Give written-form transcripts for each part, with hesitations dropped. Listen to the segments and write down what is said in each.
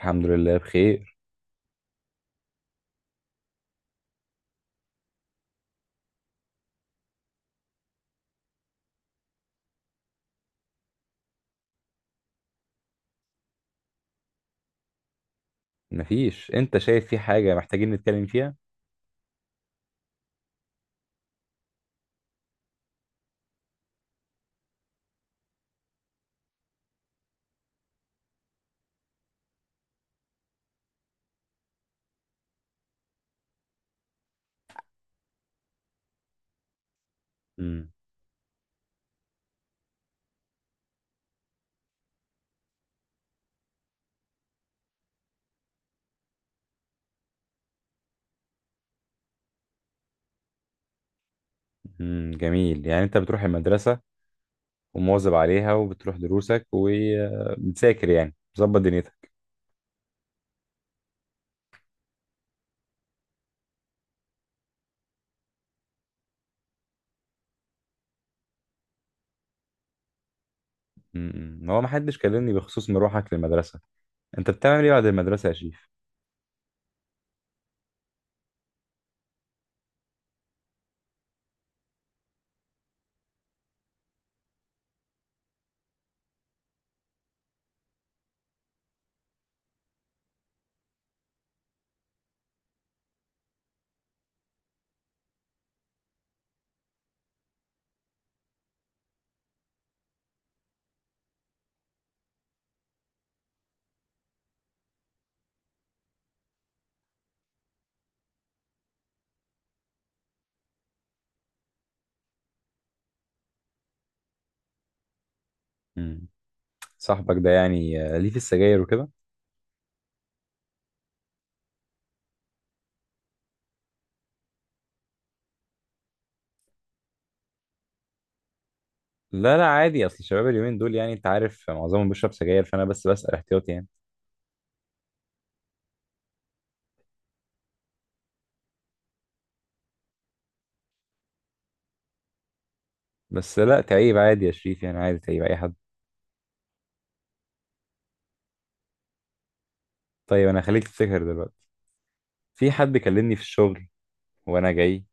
الحمد لله بخير. مفيش. انت شايف في حاجة محتاجين نتكلم فيها؟ امم جميل، يعني انت بتروح المدرسة ومواظب عليها وبتروح دروسك وبتذاكر، يعني مظبط دنيتك. هو محدش كلمني بخصوص مروحك للمدرسة. انت بتعمل ايه بعد المدرسة يا شيف؟ امم صاحبك ده، يعني ليه في السجاير وكده؟ لا، لا، عادي، اصل الشباب اليومين دول يعني انت عارف معظمهم بيشرب سجاير، فانا بس بسأل احتياطي يعني. بس لا تعيب، عادي يا شريف، يعني عادي تعيب اي حد. طيب انا خليك تفتكر دلوقتي. في حد كلمني في الشغل وانا جاي،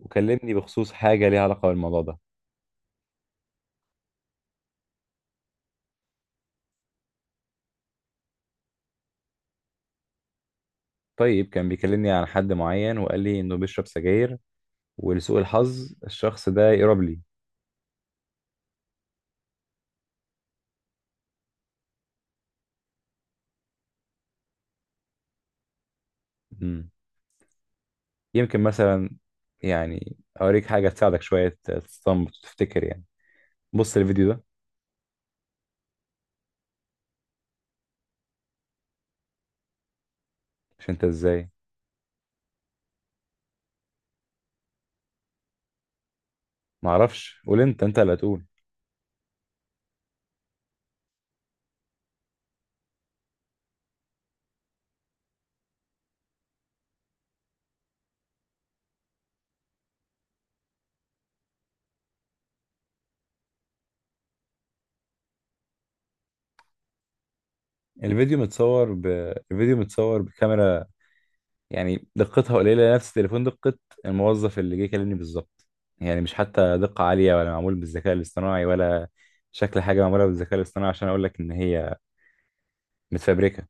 وكلمني بخصوص حاجه ليها علاقه بالموضوع ده. طيب كان بيكلمني عن حد معين وقال لي انه بيشرب سجاير، ولسوء الحظ الشخص ده يقرب لي. مم. يمكن مثلا، يعني اوريك حاجه تساعدك شويه تستنبط تفتكر يعني. بص الفيديو ده. مش انت؟ ازاي؟ معرفش، قول انت اللي هتقول. الفيديو متصور ب... الفيديو متصور بكاميرا، يعني دقتها قليله نفس تليفون دقه الموظف اللي جه يكلمني بالظبط، يعني مش حتى دقه عاليه، ولا معمول بالذكاء الاصطناعي، ولا شكل حاجه معموله بالذكاء الاصطناعي، عشان اقول لك ان هي متفبركه.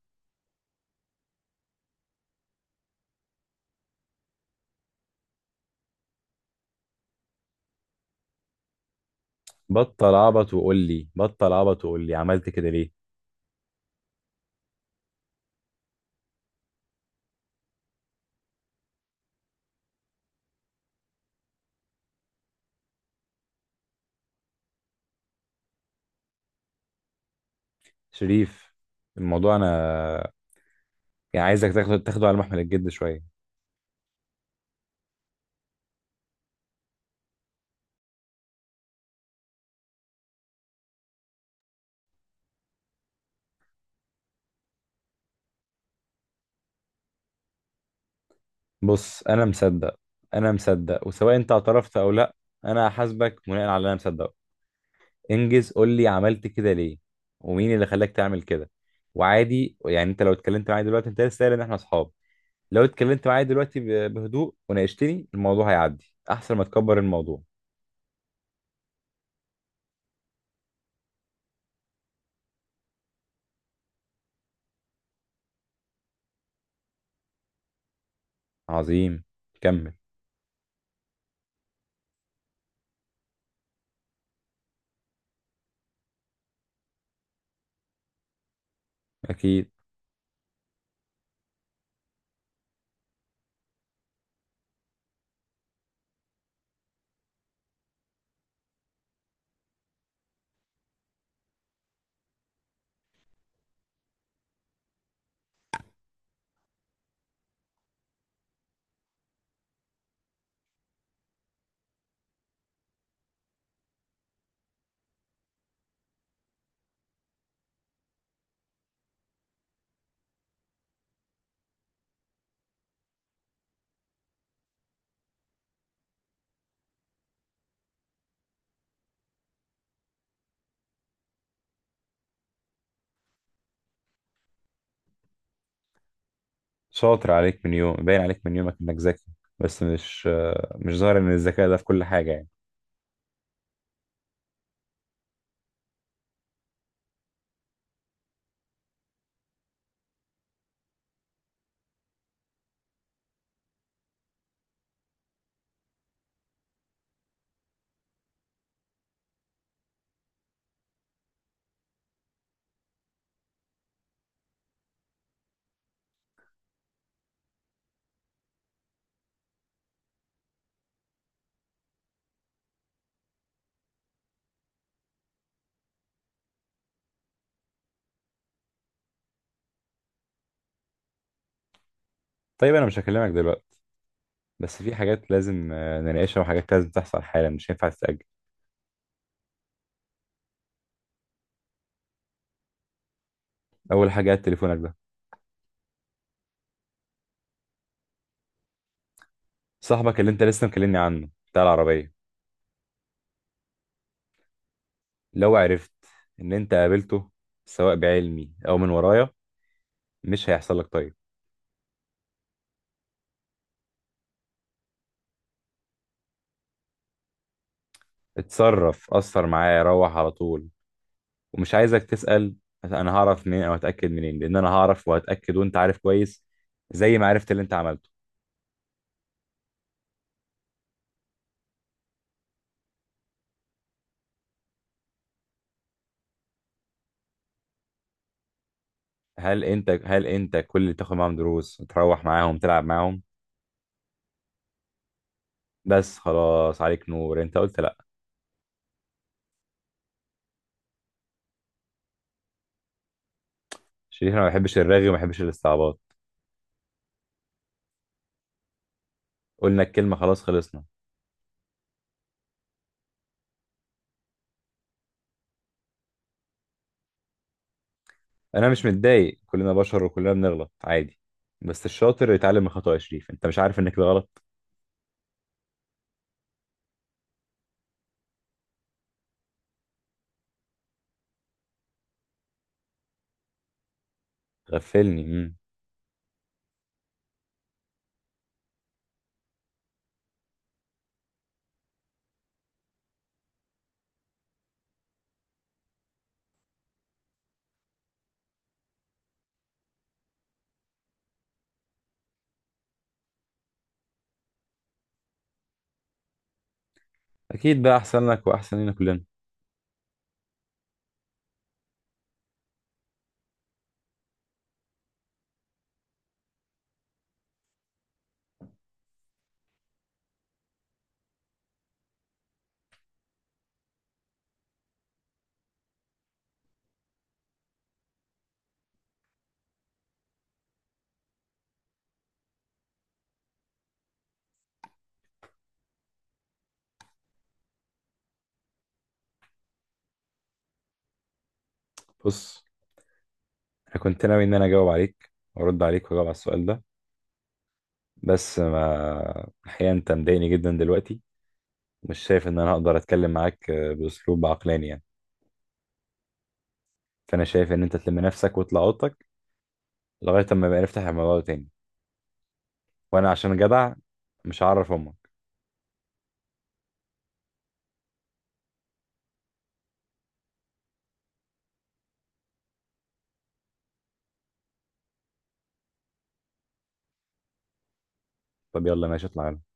بطل عبط وقول لي عملت كده ليه؟ شريف، الموضوع انا يعني عايزك تاخده على محمل الجد شويه. بص، انا مصدق. انا مصدق، وسواء انت اعترفت او لا، انا هحاسبك بناء على اللي انا مصدقه. انجز، قول لي عملت كده ليه ومين اللي خلاك تعمل كده. وعادي يعني، انت لو اتكلمت معايا دلوقتي، انت لسه قايل ان احنا اصحاب، لو اتكلمت معايا دلوقتي بهدوء وناقشتني الموضوع، هيعدي احسن ما تكبر الموضوع. عظيم، كمل. اكيد. شاطر عليك من يوم، باين عليك من يومك انك ذكي، بس مش ظاهر ان الذكاء ده في كل حاجة يعني. طيب انا مش هكلمك دلوقتي، بس في حاجات لازم نناقشها، وحاجات لازم تحصل حالا، مش هينفع تتأجل. اول حاجة، تليفونك ده. صاحبك اللي انت لسه مكلمني عنه بتاع العربية، لو عرفت ان انت قابلته، سواء بعلمي او من ورايا، مش هيحصل لك طيب. اتصرف اثر معايا، روح على طول. ومش عايزك تسأل انا هعرف منين او هتأكد منين، لان انا هعرف وهتأكد، وانت عارف كويس، زي ما عرفت اللي انت عملته. هل انت كل اللي تاخد معاهم دروس تروح معاهم تلعب معاهم؟ بس خلاص، عليك نور، انت قلت لا. شريف، انا ما بحبش الرغي وما بحبش الاستعباط. قلنا الكلمة، خلاص، خلصنا. انا مش متضايق، كلنا بشر وكلنا بنغلط، عادي. بس الشاطر يتعلم من خطأه يا شريف، انت مش عارف انك ده غلط؟ غفلني. مم. اكيد بقى، احسن لك واحسن لنا كلنا. بص، انا كنت ناوي ان انا اجاوب عليك وارد عليك واجاوب على السؤال ده، بس ما الحقيقة انت مضايقني جدا دلوقتي. مش شايف ان انا اقدر اتكلم معاك باسلوب عقلاني يعني. فانا شايف ان انت تلم نفسك وتطلع اوضتك لغاية اما بقى نفتح الموضوع ده تاني. وانا عشان جدع، مش هعرف امك. طب يلا، ماشي، اطلع يلا.